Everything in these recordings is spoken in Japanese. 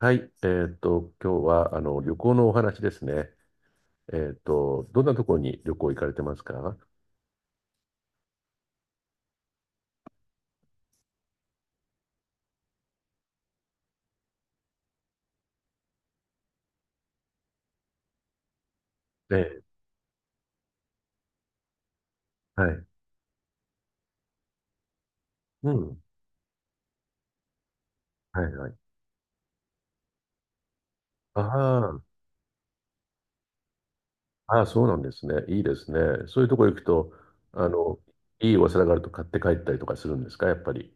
はい、今日は旅行のお話ですね。どんなところに旅行行かれてますか？ええ、はい。うん。はいはい。ああ、ああ、そうなんですね。いいですね。そういうところ行くと、あの、いいお皿があると買って帰ったりとかするんですか、やっぱり。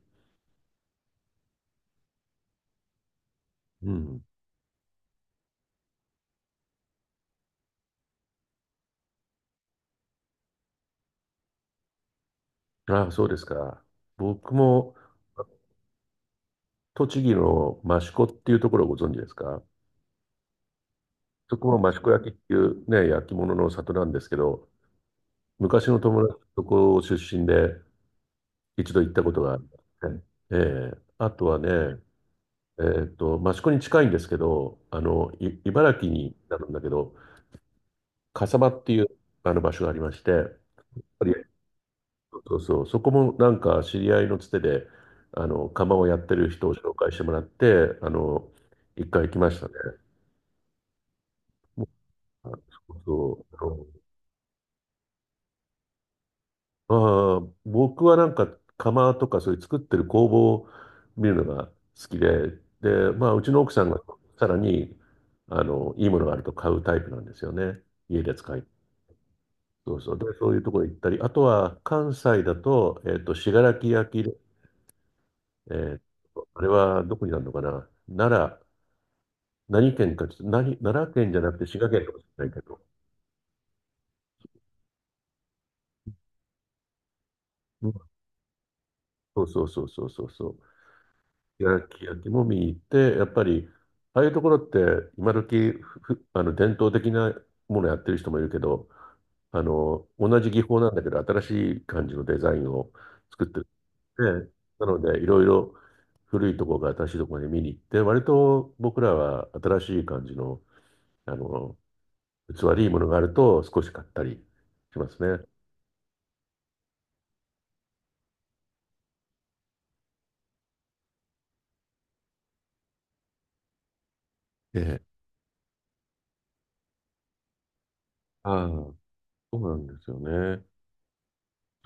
うん。ああ、そうですか。僕も栃木の益子っていうところをご存知ですか？そこも益子焼っていうね、焼き物の里なんですけど、昔の友達のとこ出身で、一度行ったことがありますね。ええ、あとはね、益子に近いんですけど、あの、い茨城になるんだけど、笠間っていうあの場所がありまして、やっぱり、そうそう、そこもなんか知り合いのつてで、あの、窯をやってる人を紹介してもらって、あの、一回行きましたね。もう、あ、そうそう。ああ、僕はなんか釜とかそういう作ってる工房を見るのが好きで、で、まあうちの奥さんがさらにあのいいものがあると買うタイプなんですよね。家で使い。そうそう。で、そういうところ行ったり、あとは関西だと、信楽焼で、えーあれはどこになるのかな。奈良、何県かちょっと、何、奈良県じゃなくて滋賀県とかじゃないけど、うん、そうそうそうそうそうそう。焼き焼きも見に行って、やっぱり、ああいうところって今時あの伝統的なものやってる人もいるけど、あの、同じ技法なんだけど、新しい感じのデザインを作ってるので、なので、いろいろ古いところから新しいところに見に行って、割と僕らは新しい感じの、あの、器でいいものがあると少し買ったりしますね。ええ。ああ、そうなんですよね。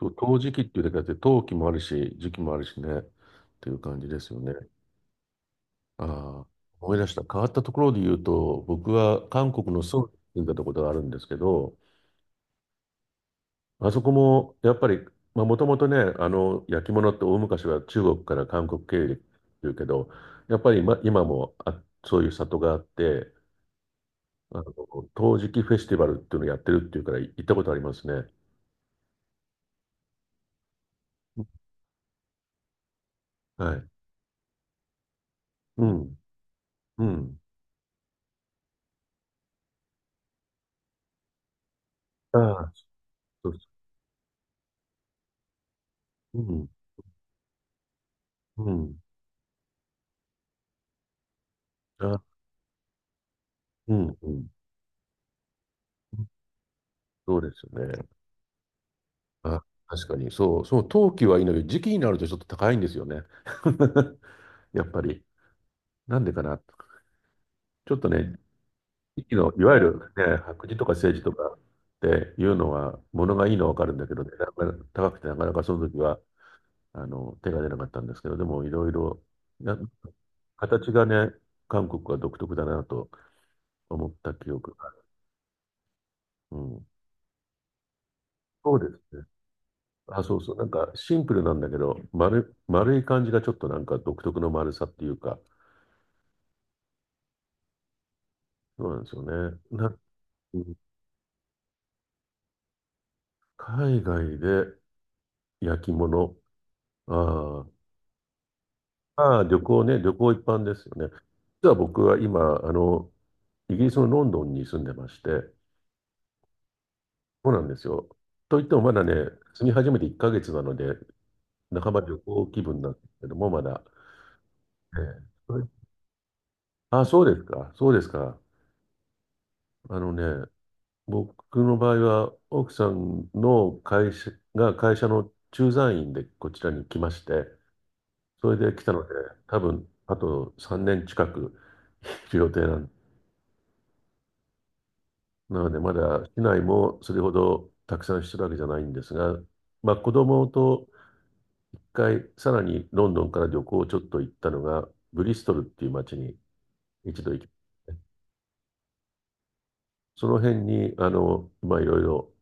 そう、陶磁器っていうだけあって、陶器もあるし、磁器もあるしね、っていう感じですよね。ああ、思い出した。変わったところで言うと、僕は韓国のソウルに住んでたことがあるんですけど、あそこもやっぱり、まあ、もともとね、あの焼き物って大昔は中国から韓国経由でってうけど、やっぱり今、今もあ、そういう里があって、あの陶磁器フェスティバルっていうのをやってるっていうから行ったことありますね。はい。うん。うん。ああ、そうそう。うん。うん。ああ、うん、うん。そうですよね。あ、確かに、そう、そう、冬季はいいのよ。時期になるとちょっと高いんですよね。やっぱり。なんでかな。ちょっとね、時期の、いわゆるね、白磁とか青磁とかっていうのは、物がいいのはわかるんだけどね、なかなか高くてなかなかその時は、あの、手が出なかったんですけど、でもいろいろ、な、形がね、韓国は独特だなと思った記憶が。うん。そうですね。あ、そうそう。なんかシンプルなんだけど、丸、丸い感じがちょっとなんか独特の丸さっていうか、そうなんですよね。な、うん、海外で焼き物。あー、まあー、旅行ね、旅行一般ですよね。実は僕は今、あの、イギリスのロンドンに住んでまして、そうなんですよ。といってもまだね、住み始めて1ヶ月なので、半ば旅行気分なんですけども、まだ。ええ、あ、そうですか、そうですか。あのね、僕の場合は、奥さんの会社が会社の駐在員でこちらに来まして、それで来たので、多分あと3年近く来る予定なんなので、まだ市内もそれほどたくさんしてるわけじゃないんですが、まあ、子供と一回、さらにロンドンから旅行をちょっと行ったのが、ブリストルっていう町に一度行きましたね。その辺に、あの、まあ、いろいろ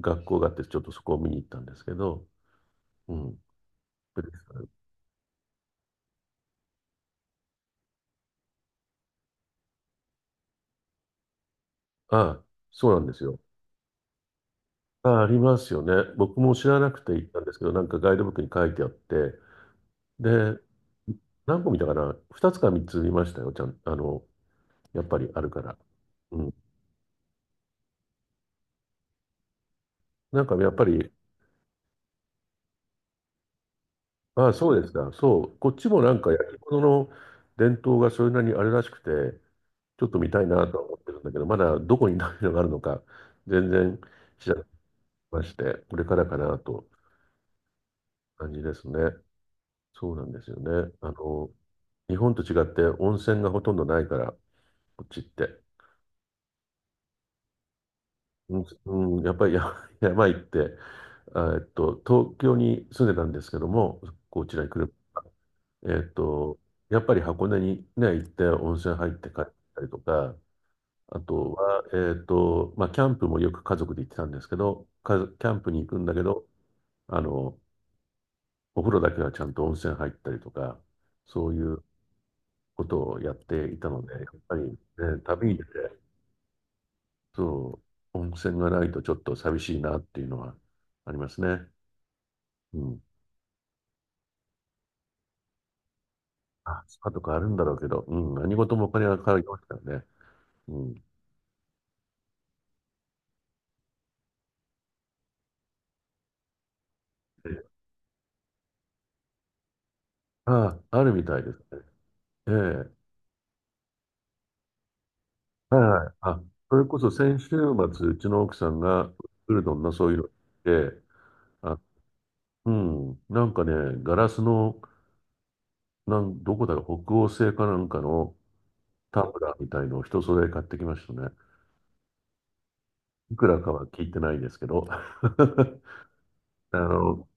学校があって、ちょっとそこを見に行ったんですけど、うん。ブリストル、あ、そうなんですよ。あ、ありますよね。僕も知らなくて行ったんですけど、なんかガイドブックに書いてあって、で、何個見たかな？ 2 つか3つ見ましたよ、ちゃん、あの、やっぱりあるから。うん。なんかやっぱり、ああ、そうですか。そう。こっちもなんか焼き物の伝統がそれなりにあるらしくて、ちょっと見たいなとは思ってるんだけど、まだどこに何のがあるのか、全然知らなくてまして、これからかなと感じですね。そうなんですよね。あの、日本と違って温泉がほとんどないから、こっちって。うん、うんやっぱりや、 山行って、あ、東京に住んでたんですけども、こちらに来る。えっと、やっぱり箱根にね、行って温泉入って帰ったりとか、あとは、まあ、キャンプもよく家族で行ってたんですけど、か、キャンプに行くんだけど、あの、お風呂だけはちゃんと温泉入ったりとか、そういうことをやっていたので、やっぱりね、旅に出て、そう、温泉がないとちょっと寂しいなっていうのはありますね。うん。あ、スパとかあるんだろうけど、うん、何事もお金がかかりますからね。うん。ああ、あるみたいですね。ええ。はいはい。あ、それこそ先週末、うちの奥さんがウルドンのそういうの行って、あ、うん、なんかね、ガラスの、なん、どこだろう、北欧製かなんかのタンブラーみたいのを一揃え買ってきましたね。いくらかは聞いてないですけど、あの、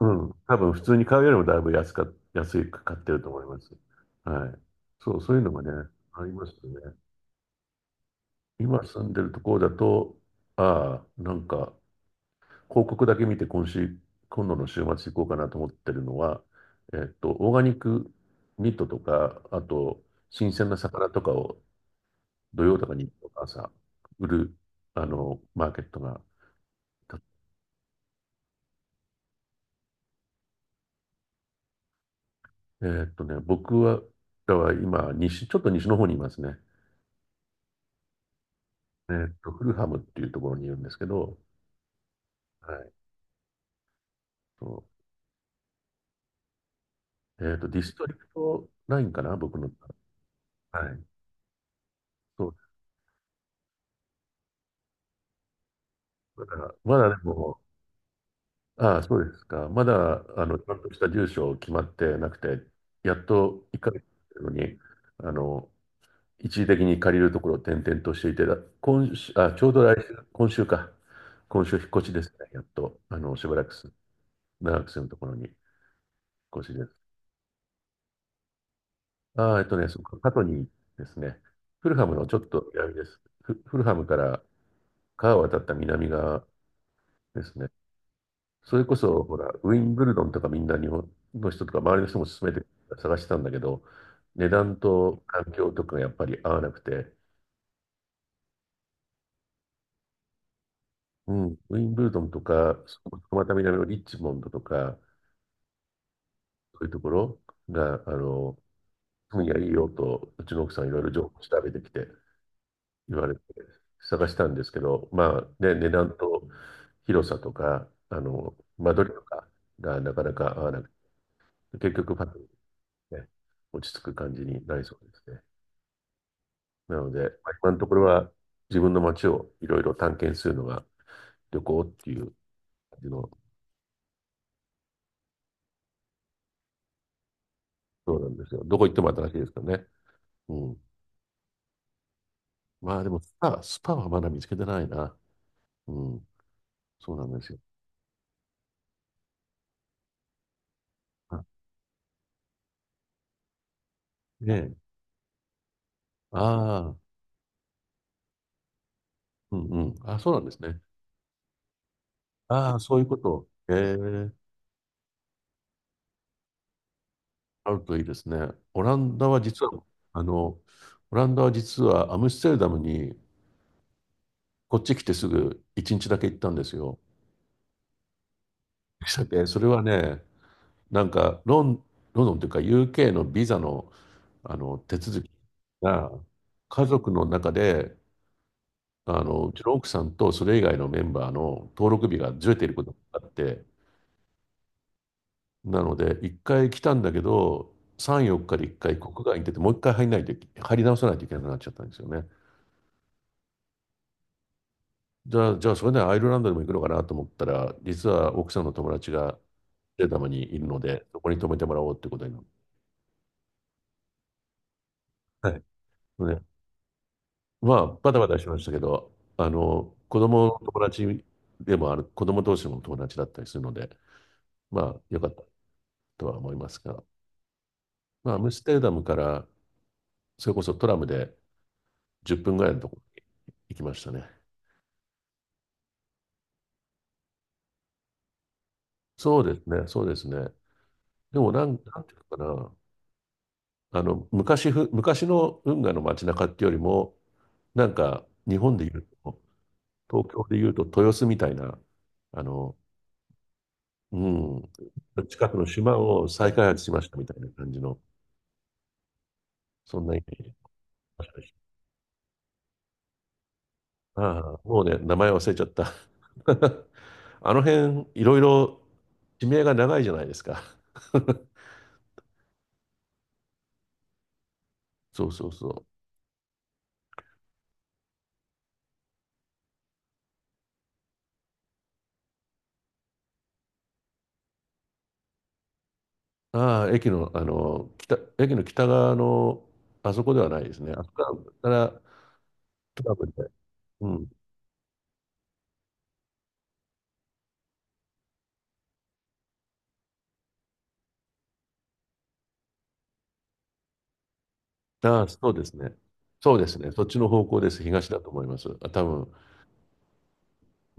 うん、多分普通に買うよりもだいぶ安か、安く買ってると思います。はい。そう、そういうのがね、ありますよね。今住んでるところだと、ああ、なんか、広告だけ見て今週、今度の週末行こうかなと思ってるのは、オーガニックミートとか、あと、新鮮な魚とかを土曜とか日曜の朝、売る、あの、マーケットが、僕は、だは今、西、ちょっと西の方にいますね。フルハムっていうところにいるんですけど、はい。そう。ディストリクトラインかな、僕の。はい。そうです。まだ、まだでも、ああ、そうですか。まだ、あの、ちゃんとした住所決まってなくて、やっと1ヶ月のに、あの、一時的に借りるところを転々としていて、今週、あ、ちょうど来週、今週か。今週引っ越しですね。やっと、あの、しばらくす、長く住むところに引っ越しです。ああ、えっとね、そっか過去にですね、フルハムのちょっと南です。フ、フルハムから川を渡った南側ですね。それこそ、ほら、ウィンブルドンとかみんな日本の人とか周りの人も勧めて探してたんだけど、値段と環境とかがやっぱり合わなくて、うん、ウィンブルドンとか、そこまた南のリッチモンドとか、そういうところが、今夜いいよと、うちの奥さんいろいろ情報調べてきて、言われて探したんですけど、まあね、値段と広さとか、間取りとかがなかなか合わなくて、結局パッと、ね、落ち着く感じになりそうですね。なので、まあ今のところは自分の街をいろいろ探検するのが旅行っていう感じの、そうなんですよ。どこ行っても新しいですからね。うん。まあでもスパはまだ見つけてないな。うん。そうなんですよ。あ、ねえ。ああ、うんうん。あ、そうなんですね。ああ、そういうこと。ええ、あるといいですね。オランダは実は、あの、オランダは実はアムステルダムにこっち来てすぐ1日だけ行ったんですよ。で、それはね、なんかロンドンというか UK のビザの、あの手続きが家族の中で、うちの奥さんとそれ以外のメンバーの登録日がずれていることがあって、なので1回来たんだけど、3、4日で1回国外に出て、もう1回入り直さないといけなくなっちゃったんですよね。じゃあそれでアイルランドにも行くのかなと思ったら、実は奥さんの友達がデータムにいるので、そこに泊めてもらおうってことになる。はい。ね、まあ、バタバタしましたけど、子供の友達でもある、子供同士の友達だったりするので、まあ、よかったとは思いますが、まあ、アムステルダムから、それこそトラムで10分ぐらいのところに行きましたね。そうですね、そうですね。でもなんていうのかな、昔の運河の街中っていうよりも、なんか、日本で言うと、東京で言うと豊洲みたいな、あの、うん、近くの島を再開発しましたみたいな感じの、そんなイメージに。ああ、もうね、名前忘れちゃった。あの辺、いろいろ地名が長いじゃないですか。そうそうそう。ああ、駅の北側の、あそこではないですね。あそこから、トラブルで。うん。ああ、そうですね。そうですね。そっちの方向です。東だと思います。あ、多分、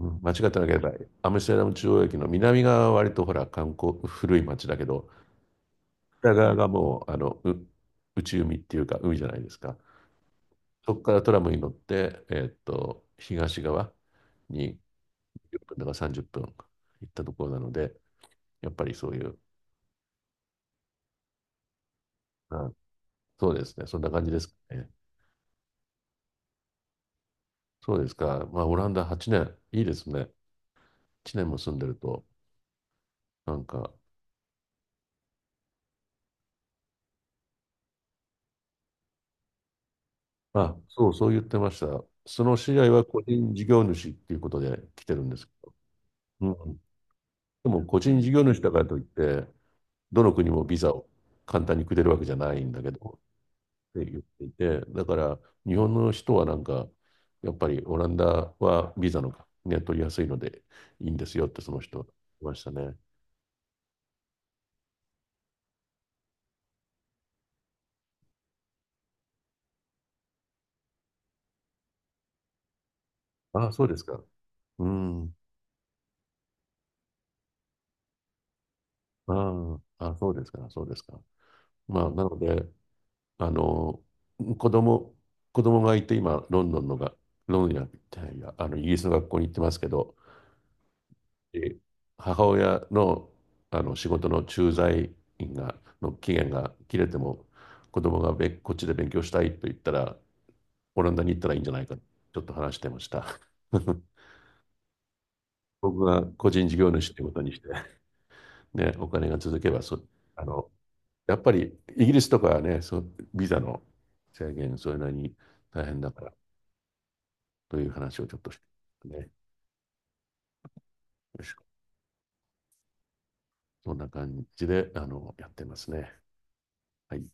うん、間違ってなければ、アムステルダム中央駅の南側は割とほら、観光、古い町だけど、北側がもう、内海っていうか、海じゃないですか。そこからトラムに乗って、東側に1分だか30分行ったところなので、やっぱりそういう、あ、そうですね。そんな感じですかね。そうですか。まあ、オランダ8年、いいですね。1年も住んでると、なんか、あ、そう、そう言ってました。その知り合いは個人事業主っていうことで来てるんですけど。うん。でも個人事業主だからといって、どの国もビザを簡単にくれるわけじゃないんだけど、って言っていて、だから日本の人はなんか、やっぱりオランダはビザの、ね、取りやすいのでいいんですよってその人は言ってましたね。ああ、そうですか。うん。ああ、ああ、そうですか、そうですか。まあ、なので、あの、子供、子供がいて今、ロンドンのが、ロンドンじゃないや、イギリスの学校に行ってますけど、で母親の、あの仕事の駐在員の期限が切れても、子供がこっちで勉強したいと言ったら、オランダに行ったらいいんじゃないか、ちょっと話してました。僕が個人事業主ってことにして、ね、お金が続けばそ、あの、やっぱりイギリスとかはね、そう、ビザの制限、それなりに大変だから、という話をちょっとしてね。よいしょ、そんな感じで、やってますね。はい。